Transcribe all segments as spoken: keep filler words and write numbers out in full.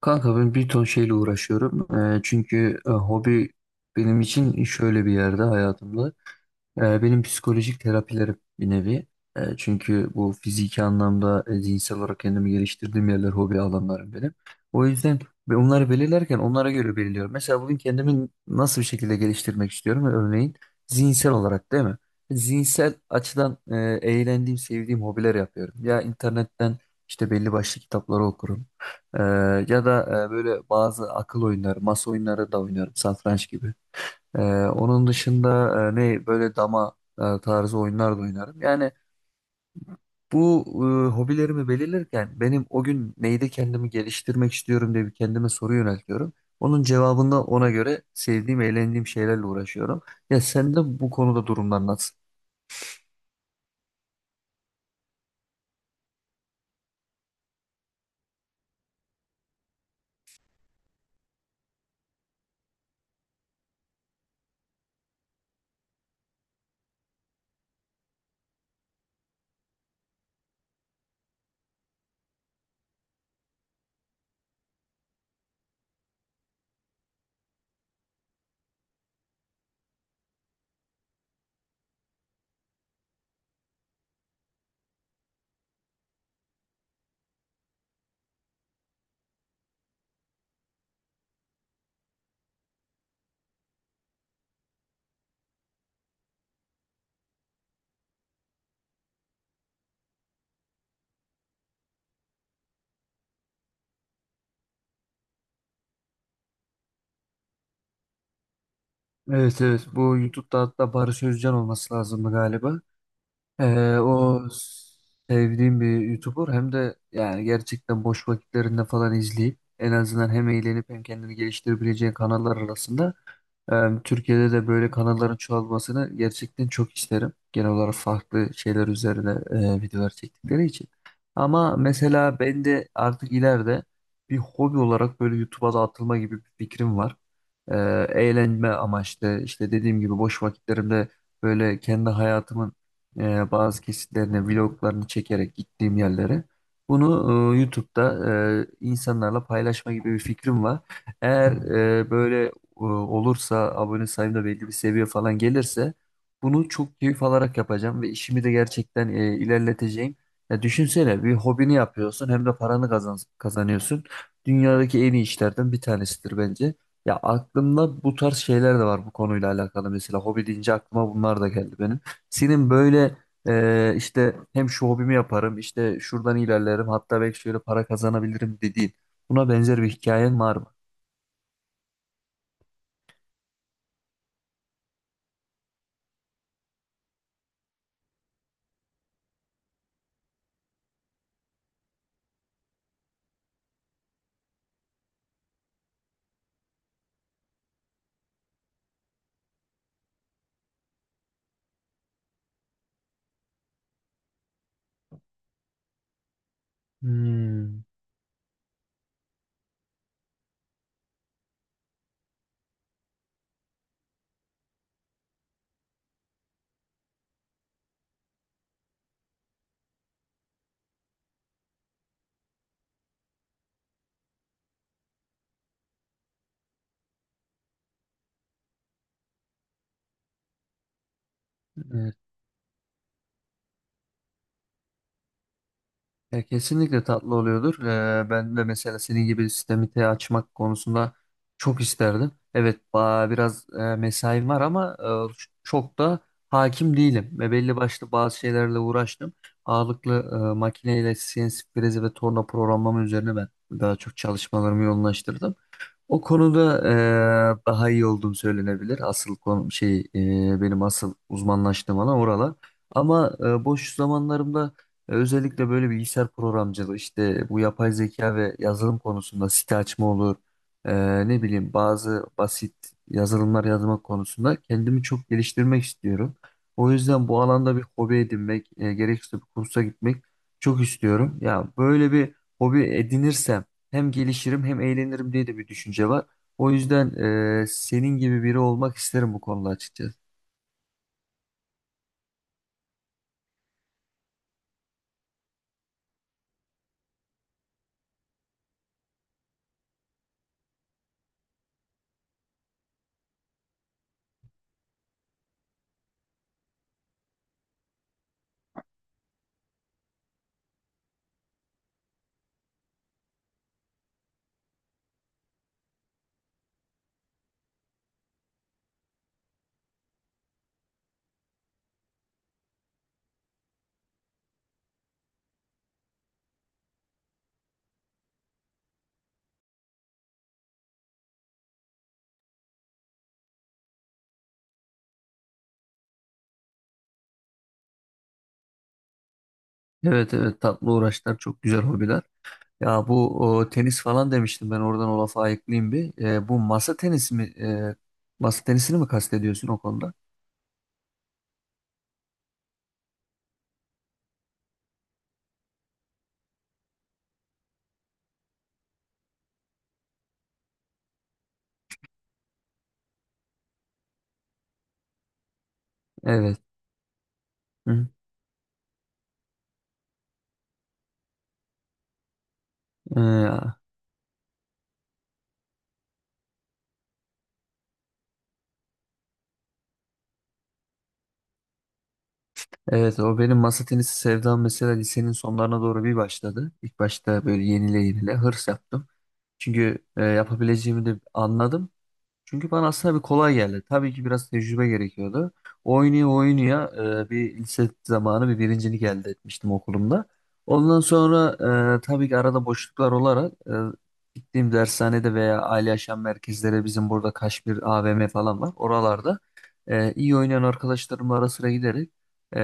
Kanka ben bir ton şeyle uğraşıyorum. Ee, çünkü e, hobi benim için şöyle bir yerde hayatımda. Ee, benim psikolojik terapilerim bir nevi. Ee, çünkü bu fiziki anlamda e, zihinsel olarak kendimi geliştirdiğim yerler hobi alanlarım benim. O yüzden ve onları belirlerken onlara göre belirliyorum. Mesela bugün kendimi nasıl bir şekilde geliştirmek istiyorum? Örneğin zihinsel olarak değil mi? Zihinsel açıdan e, eğlendiğim, sevdiğim hobiler yapıyorum. Ya internetten işte belli başlı kitapları okurum. Ee, Ya da e, böyle bazı akıl oyunları, masa oyunları da oynarım, satranç gibi. Ee, Onun dışında e, ne böyle dama e, tarzı oyunlar da oynarım. Yani bu e, hobilerimi belirlerken benim o gün neyde kendimi geliştirmek istiyorum diye bir kendime soru yöneltiyorum. Onun cevabında ona göre sevdiğim, eğlendiğim şeylerle uğraşıyorum. Ya sen de bu konuda durumlar nasıl? Evet, evet, bu YouTube'da hatta Barış Özcan olması lazımdı galiba. Ee, o sevdiğim bir YouTuber hem de, yani gerçekten boş vakitlerinde falan izleyip en azından hem eğlenip hem kendini geliştirebileceğin kanallar arasında. Em, Türkiye'de de böyle kanalların çoğalmasını gerçekten çok isterim. Genel olarak farklı şeyler üzerine e, videolar çektikleri için. Ama mesela ben de artık ileride bir hobi olarak böyle YouTube'a da atılma gibi bir fikrim var. E, Eğlenme amaçlı işte dediğim gibi boş vakitlerimde böyle kendi hayatımın e, bazı kesitlerini, vloglarını çekerek gittiğim yerlere bunu e, YouTube'da e, insanlarla paylaşma gibi bir fikrim var. Eğer e, böyle e, olursa abone sayım da belli bir seviye falan gelirse bunu çok keyif alarak yapacağım ve işimi de gerçekten e, ilerleteceğim. Ya düşünsene, bir hobini yapıyorsun hem de paranı kazan kazanıyorsun. Dünyadaki en iyi işlerden bir tanesidir bence. Ya aklımda bu tarz şeyler de var bu konuyla alakalı. Mesela hobi deyince aklıma bunlar da geldi benim. Senin böyle e, işte hem şu hobimi yaparım işte şuradan ilerlerim hatta belki şöyle para kazanabilirim dediğin, buna benzer bir hikayen var mı? Hmm. Ya kesinlikle tatlı oluyordur. Ee, ben de mesela senin gibi sistemi te- açmak konusunda çok isterdim. Evet, ba- biraz e, mesaim var ama e, ç- çok da hakim değilim. Ve belli başlı bazı şeylerle uğraştım. Ağırlıklı e, makineyle C N C frezi ve torna programlama üzerine ben daha çok çalışmalarımı yoğunlaştırdım. O konuda eee, daha iyi olduğum söylenebilir. Asıl konu şey, eee, benim asıl uzmanlaştığım alan oralar. Ama eee, boş zamanlarımda e, özellikle böyle bilgisayar programcılığı işte bu yapay zeka ve yazılım konusunda site açma olur. Eee, ne bileyim, bazı basit yazılımlar yazmak konusunda kendimi çok geliştirmek istiyorum. O yüzden bu alanda bir hobi edinmek, e, gerekirse bir kursa gitmek çok istiyorum. Ya böyle bir hobi edinirsem hem gelişirim hem eğlenirim diye de bir düşünce var. O yüzden e, senin gibi biri olmak isterim bu konuda açıkçası. Evet, evet, tatlı uğraşlar çok güzel hobiler. Ya bu o, tenis falan demiştim ben, oradan o lafı ayıklayayım bir. E, bu masa tenisi mi, e, masa tenisini mi kastediyorsun o konuda? Evet. Hı. E, evet o benim masa tenisi sevdam. Mesela lisenin sonlarına doğru bir başladı. İlk başta böyle yenile yenile hırs yaptım. Çünkü e, yapabileceğimi de anladım. Çünkü bana aslında bir kolay geldi. Tabii ki biraz tecrübe gerekiyordu. Oynuyor oynuyor e, bir lise zamanı bir birincilik elde etmiştim okulumda. Ondan sonra e, tabii ki arada boşluklar olarak e, gittiğim dershanede veya aile yaşam merkezleri, bizim burada Kaşmir A V M falan var. Oralarda e, iyi oynayan arkadaşlarımla ara sıra giderek e,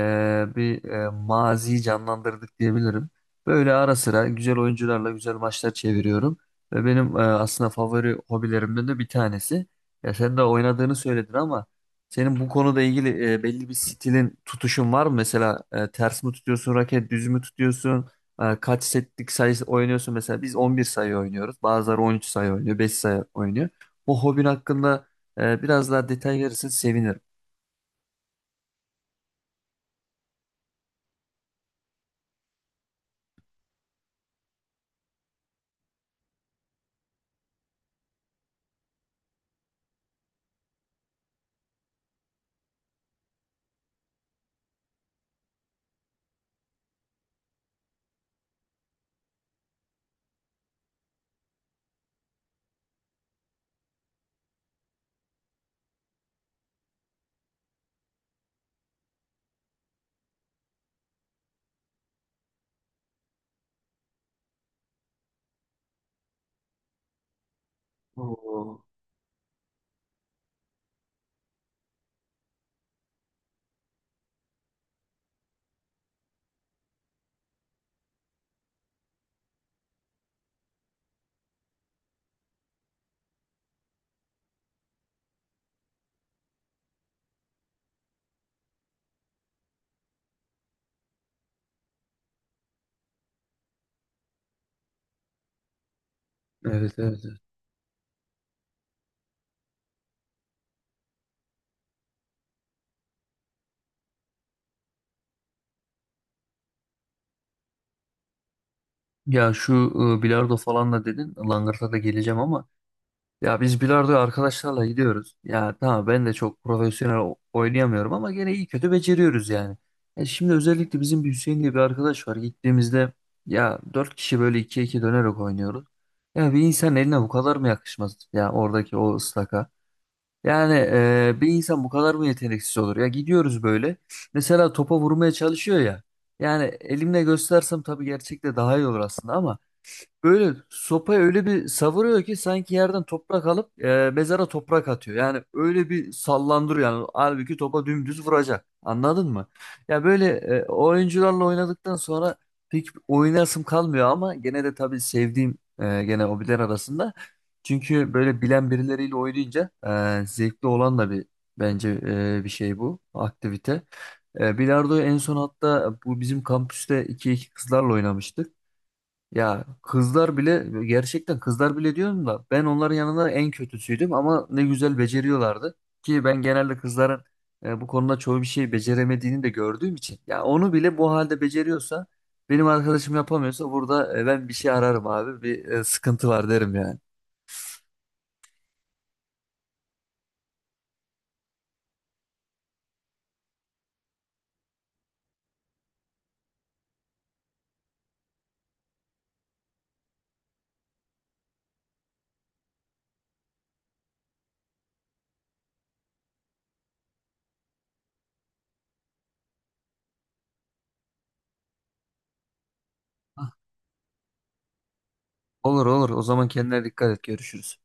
bir e, maziyi canlandırdık diyebilirim. Böyle ara sıra güzel oyuncularla güzel maçlar çeviriyorum. Ve benim e, aslında favori hobilerimden de bir tanesi. Ya sen de oynadığını söyledin ama senin bu konuda ilgili e, belli bir stilin, tutuşun var mı? Mesela e, ters mi tutuyorsun raket, düz mü tutuyorsun? E, kaç setlik sayı oynuyorsun? Mesela biz on bir sayı oynuyoruz. Bazıları on üç sayı oynuyor, beş sayı oynuyor. Bu hobin hakkında e, biraz daha detay verirsen sevinirim. Oo, evet, evet. Evet. Ya şu e, bilardo falan da dedin. Langırta da geleceğim ama... Ya biz bilardoya arkadaşlarla gidiyoruz. Ya tamam, ben de çok profesyonel o- oynayamıyorum ama gene iyi kötü beceriyoruz yani. E şimdi özellikle bizim bir Hüseyin diye bir arkadaş var. Gittiğimizde ya dört kişi böyle ikiye iki dönerek oynuyoruz. Ya bir insan eline bu kadar mı yakışmaz ya, oradaki o ıslaka? Yani e, bir insan bu kadar mı yeteneksiz olur? Ya gidiyoruz böyle. Mesela topa vurmaya çalışıyor ya. Yani elimle göstersem tabii gerçekte daha iyi olur aslında ama... Böyle sopayı öyle bir savuruyor ki sanki yerden toprak alıp e, mezara toprak atıyor. Yani öyle bir sallandırıyor yani. Halbuki topa dümdüz vuracak. Anladın mı? Ya böyle e, oyuncularla oynadıktan sonra pek oynasım kalmıyor ama gene de tabii sevdiğim e, gene hobiler arasında. Çünkü böyle bilen birileriyle oynayınca e, zevkli olan da bir bence e, bir şey bu aktivite. E, bilardoyu en son hatta bu bizim kampüste iki iki kızlarla oynamıştık. Ya kızlar bile, gerçekten kızlar bile diyorum da, ben onların yanında en kötüsüydüm ama ne güzel beceriyorlardı. Ki ben genelde kızların e, bu konuda çoğu bir şey beceremediğini de gördüğüm için, ya onu bile bu halde beceriyorsa benim arkadaşım yapamıyorsa burada, e, ben bir şey ararım abi, bir e, sıkıntı var derim yani. Olur, olur, o zaman kendine dikkat et, görüşürüz.